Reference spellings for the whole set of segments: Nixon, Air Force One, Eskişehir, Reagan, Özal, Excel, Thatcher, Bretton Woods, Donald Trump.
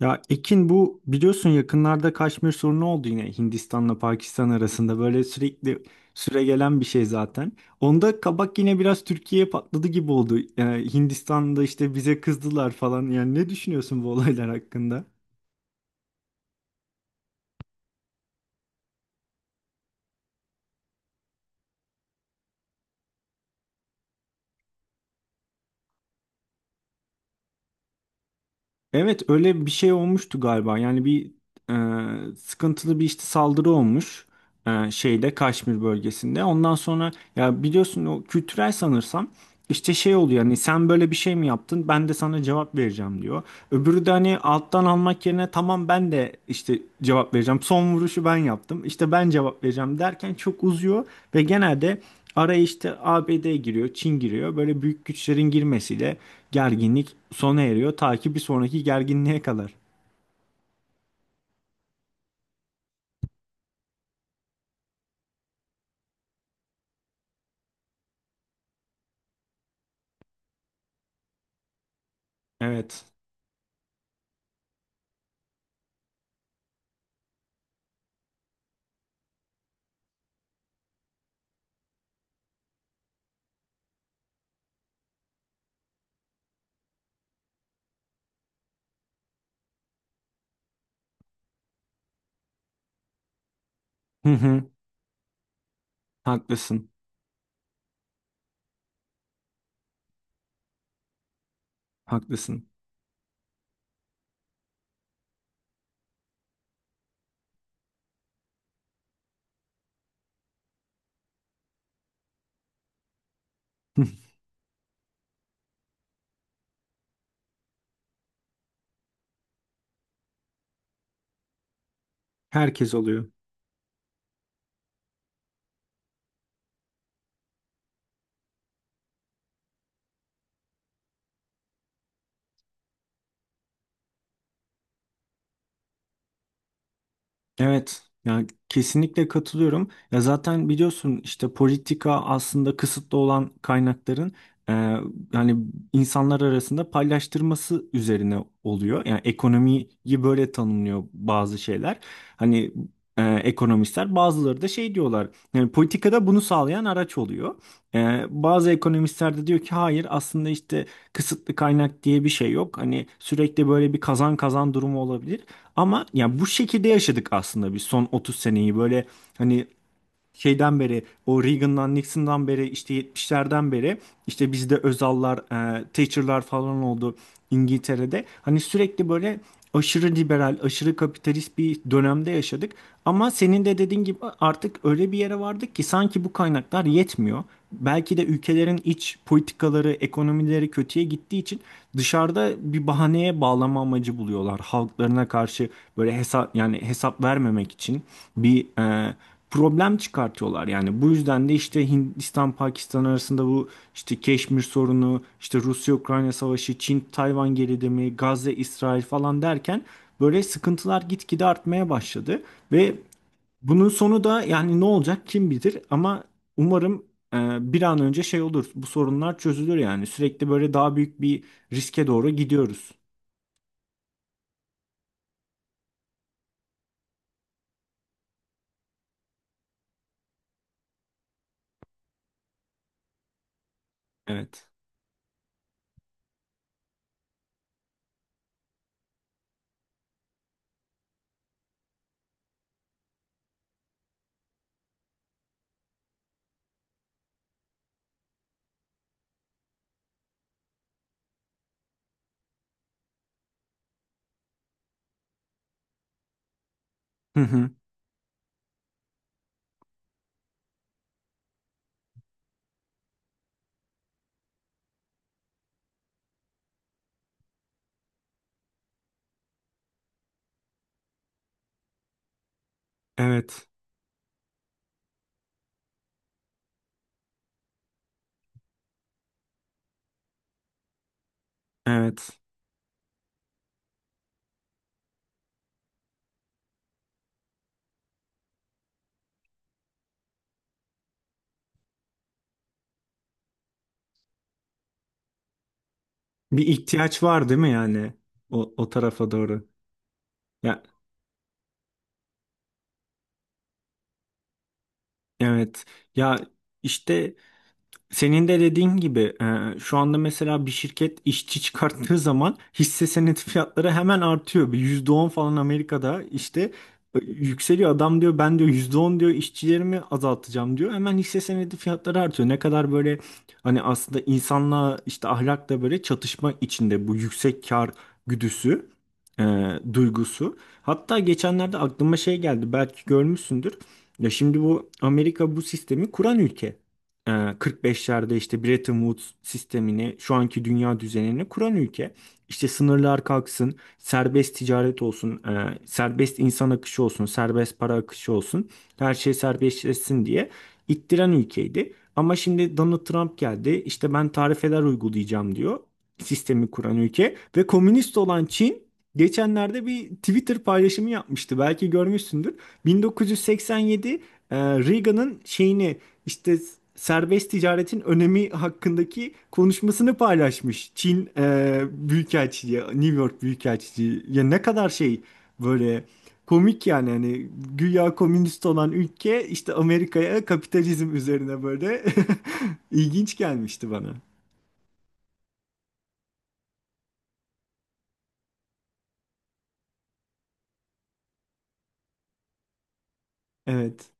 Ya Ekin bu biliyorsun yakınlarda Kaşmir sorunu oldu yine Hindistan'la Pakistan arasında böyle sürekli süre gelen bir şey zaten. Onda kabak yine biraz Türkiye'ye patladı gibi oldu. Hindistan'da işte bize kızdılar falan. Yani ne düşünüyorsun bu olaylar hakkında? Evet öyle bir şey olmuştu galiba. Yani bir sıkıntılı bir işte saldırı olmuş şeyde Kaşmir bölgesinde. Ondan sonra ya biliyorsun o kültürel sanırsam. İşte şey oluyor hani sen böyle bir şey mi yaptın ben de sana cevap vereceğim diyor. Öbürü de hani alttan almak yerine tamam ben de işte cevap vereceğim. Son vuruşu ben yaptım işte ben cevap vereceğim derken çok uzuyor ve genelde araya işte ABD giriyor, Çin giriyor, böyle büyük güçlerin girmesiyle gerginlik sona eriyor ta ki bir sonraki gerginliğe kadar. Evet. Hı hı. Haklısın. Haklısın. Herkes oluyor. Evet, yani kesinlikle katılıyorum. Ya zaten biliyorsun işte politika aslında kısıtlı olan kaynakların e, yani insanlar arasında paylaştırması üzerine oluyor. Yani ekonomiyi böyle tanımlıyor bazı şeyler. Hani ekonomistler bazıları da şey diyorlar. Yani politikada bunu sağlayan araç oluyor. Bazı ekonomistler de diyor ki hayır aslında işte kısıtlı kaynak diye bir şey yok. Hani sürekli böyle bir kazan kazan durumu olabilir. Ama ya bu şekilde yaşadık aslında biz son 30 seneyi, böyle hani şeyden beri, o Reagan'dan Nixon'dan beri, işte 70'lerden beri. İşte bizde Özal'lar, Thatcher'lar falan oldu İngiltere'de. Hani sürekli böyle aşırı liberal, aşırı kapitalist bir dönemde yaşadık. Ama senin de dediğin gibi artık öyle bir yere vardık ki sanki bu kaynaklar yetmiyor. Belki de ülkelerin iç politikaları, ekonomileri kötüye gittiği için dışarıda bir bahaneye bağlama amacı buluyorlar. Halklarına karşı böyle hesap, yani hesap vermemek için bir problem çıkartıyorlar. Yani bu yüzden de işte Hindistan Pakistan arasında bu işte Keşmir sorunu, işte Rusya-Ukrayna savaşı, Çin-Tayvan gerilimi, Gazze-İsrail falan derken böyle sıkıntılar gitgide artmaya başladı ve bunun sonu da yani ne olacak kim bilir, ama umarım e, bir an önce şey olur. Bu sorunlar çözülür yani. Sürekli böyle daha büyük bir riske doğru gidiyoruz. Evet. Hı hı. Evet. Evet. Bir ihtiyaç var değil mi yani o tarafa doğru? Ya, evet. Ya işte senin de dediğin gibi şu anda mesela bir şirket işçi çıkarttığı zaman hisse senedi fiyatları hemen artıyor. Bir %10 falan Amerika'da işte yükseliyor. Adam diyor ben diyor %10 diyor işçilerimi azaltacağım diyor. Hemen hisse senedi fiyatları artıyor. Ne kadar böyle hani aslında insanla, işte ahlakla böyle çatışma içinde bu yüksek kar güdüsü, e, duygusu. Hatta geçenlerde aklıma şey geldi, belki görmüşsündür. Ya şimdi bu Amerika bu sistemi kuran ülke, e, 45'lerde işte Bretton Woods sistemini, şu anki dünya düzenini kuran ülke. İşte sınırlar kalksın, serbest ticaret olsun, serbest insan akışı olsun, serbest para akışı olsun, her şey serbestleşsin diye ittiren ülkeydi. Ama şimdi Donald Trump geldi, işte ben tarifeler uygulayacağım diyor, sistemi kuran ülke. Ve komünist olan Çin geçenlerde bir Twitter paylaşımı yapmıştı. Belki görmüşsündür. 1987 Reagan'ın şeyini, işte serbest ticaretin önemi hakkındaki konuşmasını paylaşmış. Çin Büyükelçiliği, New York Büyükelçiliği. Ya ne kadar şey, böyle komik yani, hani güya komünist olan ülke işte Amerika'ya kapitalizm üzerine böyle. ilginç gelmişti bana. Evet.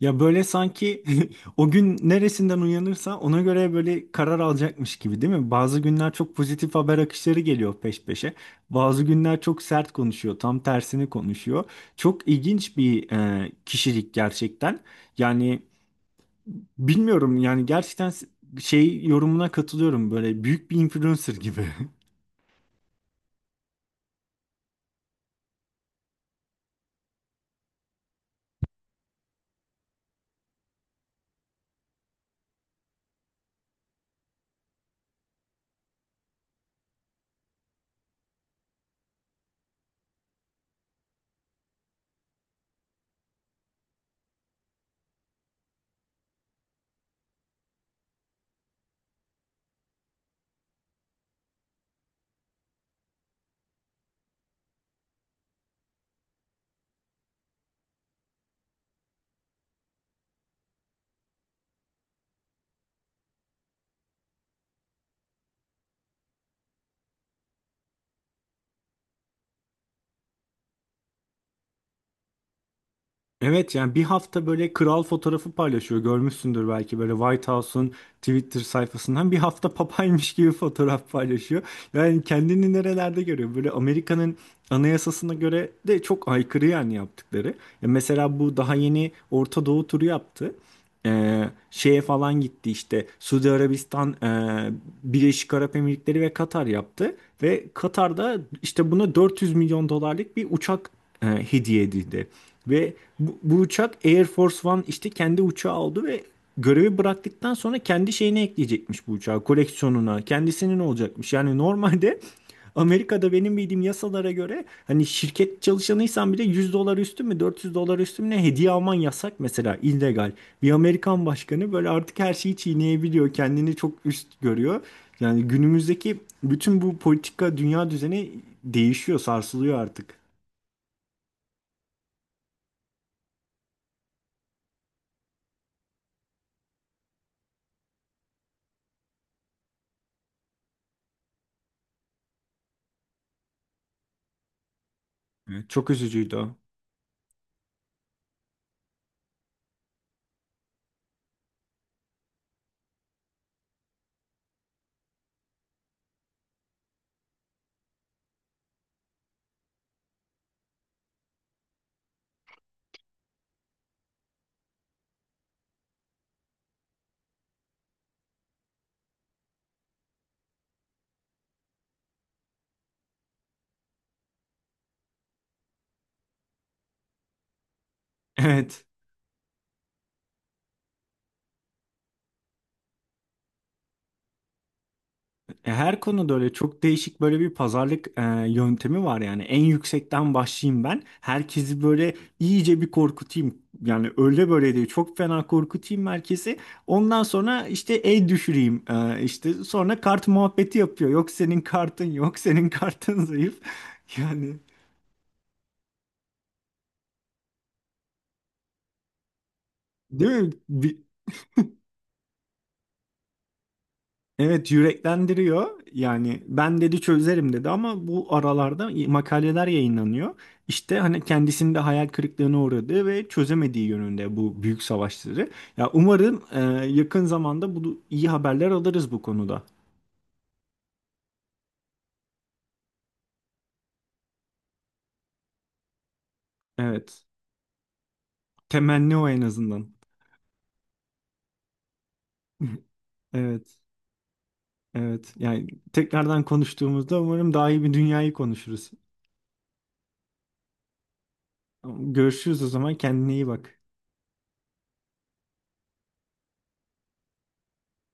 Ya böyle sanki o gün neresinden uyanırsa ona göre böyle karar alacakmış gibi değil mi? Bazı günler çok pozitif haber akışları geliyor peş peşe. Bazı günler çok sert konuşuyor, tam tersini konuşuyor. Çok ilginç bir kişilik gerçekten. Yani bilmiyorum yani gerçekten, şey yorumuna katılıyorum, böyle büyük bir influencer gibi. Evet yani bir hafta böyle kral fotoğrafı paylaşıyor. Görmüşsündür belki böyle White House'un Twitter sayfasından bir hafta papaymış gibi fotoğraf paylaşıyor. Yani kendini nerelerde görüyor? Böyle Amerika'nın anayasasına göre de çok aykırı yani yaptıkları. Ya mesela bu daha yeni Orta Doğu turu yaptı. Ee, şeye falan gitti, işte Suudi Arabistan, Birleşik Arap Emirlikleri ve Katar yaptı. Ve Katar'da işte buna 400 milyon dolarlık bir uçak hediye edildi. Ve bu uçak Air Force One, işte kendi uçağı oldu ve görevi bıraktıktan sonra kendi şeyine ekleyecekmiş bu uçağı, koleksiyonuna, kendisinin olacakmış. Yani normalde Amerika'da benim bildiğim yasalara göre hani şirket çalışanıysan bile 100 dolar üstü mü, 400 dolar üstü mü ne, hediye alman yasak mesela, illegal. Bir Amerikan başkanı böyle artık her şeyi çiğneyebiliyor, kendini çok üst görüyor. Yani günümüzdeki bütün bu politika dünya düzeni değişiyor, sarsılıyor artık. Evet. Çok üzücüydü o. Evet. Her konuda öyle çok değişik böyle bir pazarlık yöntemi var yani. En yüksekten başlayayım ben. Herkesi böyle iyice bir korkutayım. Yani öyle böyle değil. Çok fena korkutayım herkesi. Ondan sonra işte el düşüreyim. İşte sonra kart muhabbeti yapıyor. Yok senin kartın yok. Senin kartın zayıf. Yani değil mi? Evet yüreklendiriyor. Yani ben dedi çözerim dedi, ama bu aralarda makaleler yayınlanıyor. İşte hani kendisinin de hayal kırıklığına uğradığı ve çözemediği yönünde bu büyük savaşları. Ya umarım yakın zamanda bu iyi haberler alırız bu konuda. Evet. Temenni o en azından. Evet. Evet. Yani tekrardan konuştuğumuzda umarım daha iyi bir dünyayı konuşuruz. Görüşürüz o zaman. Kendine iyi bak.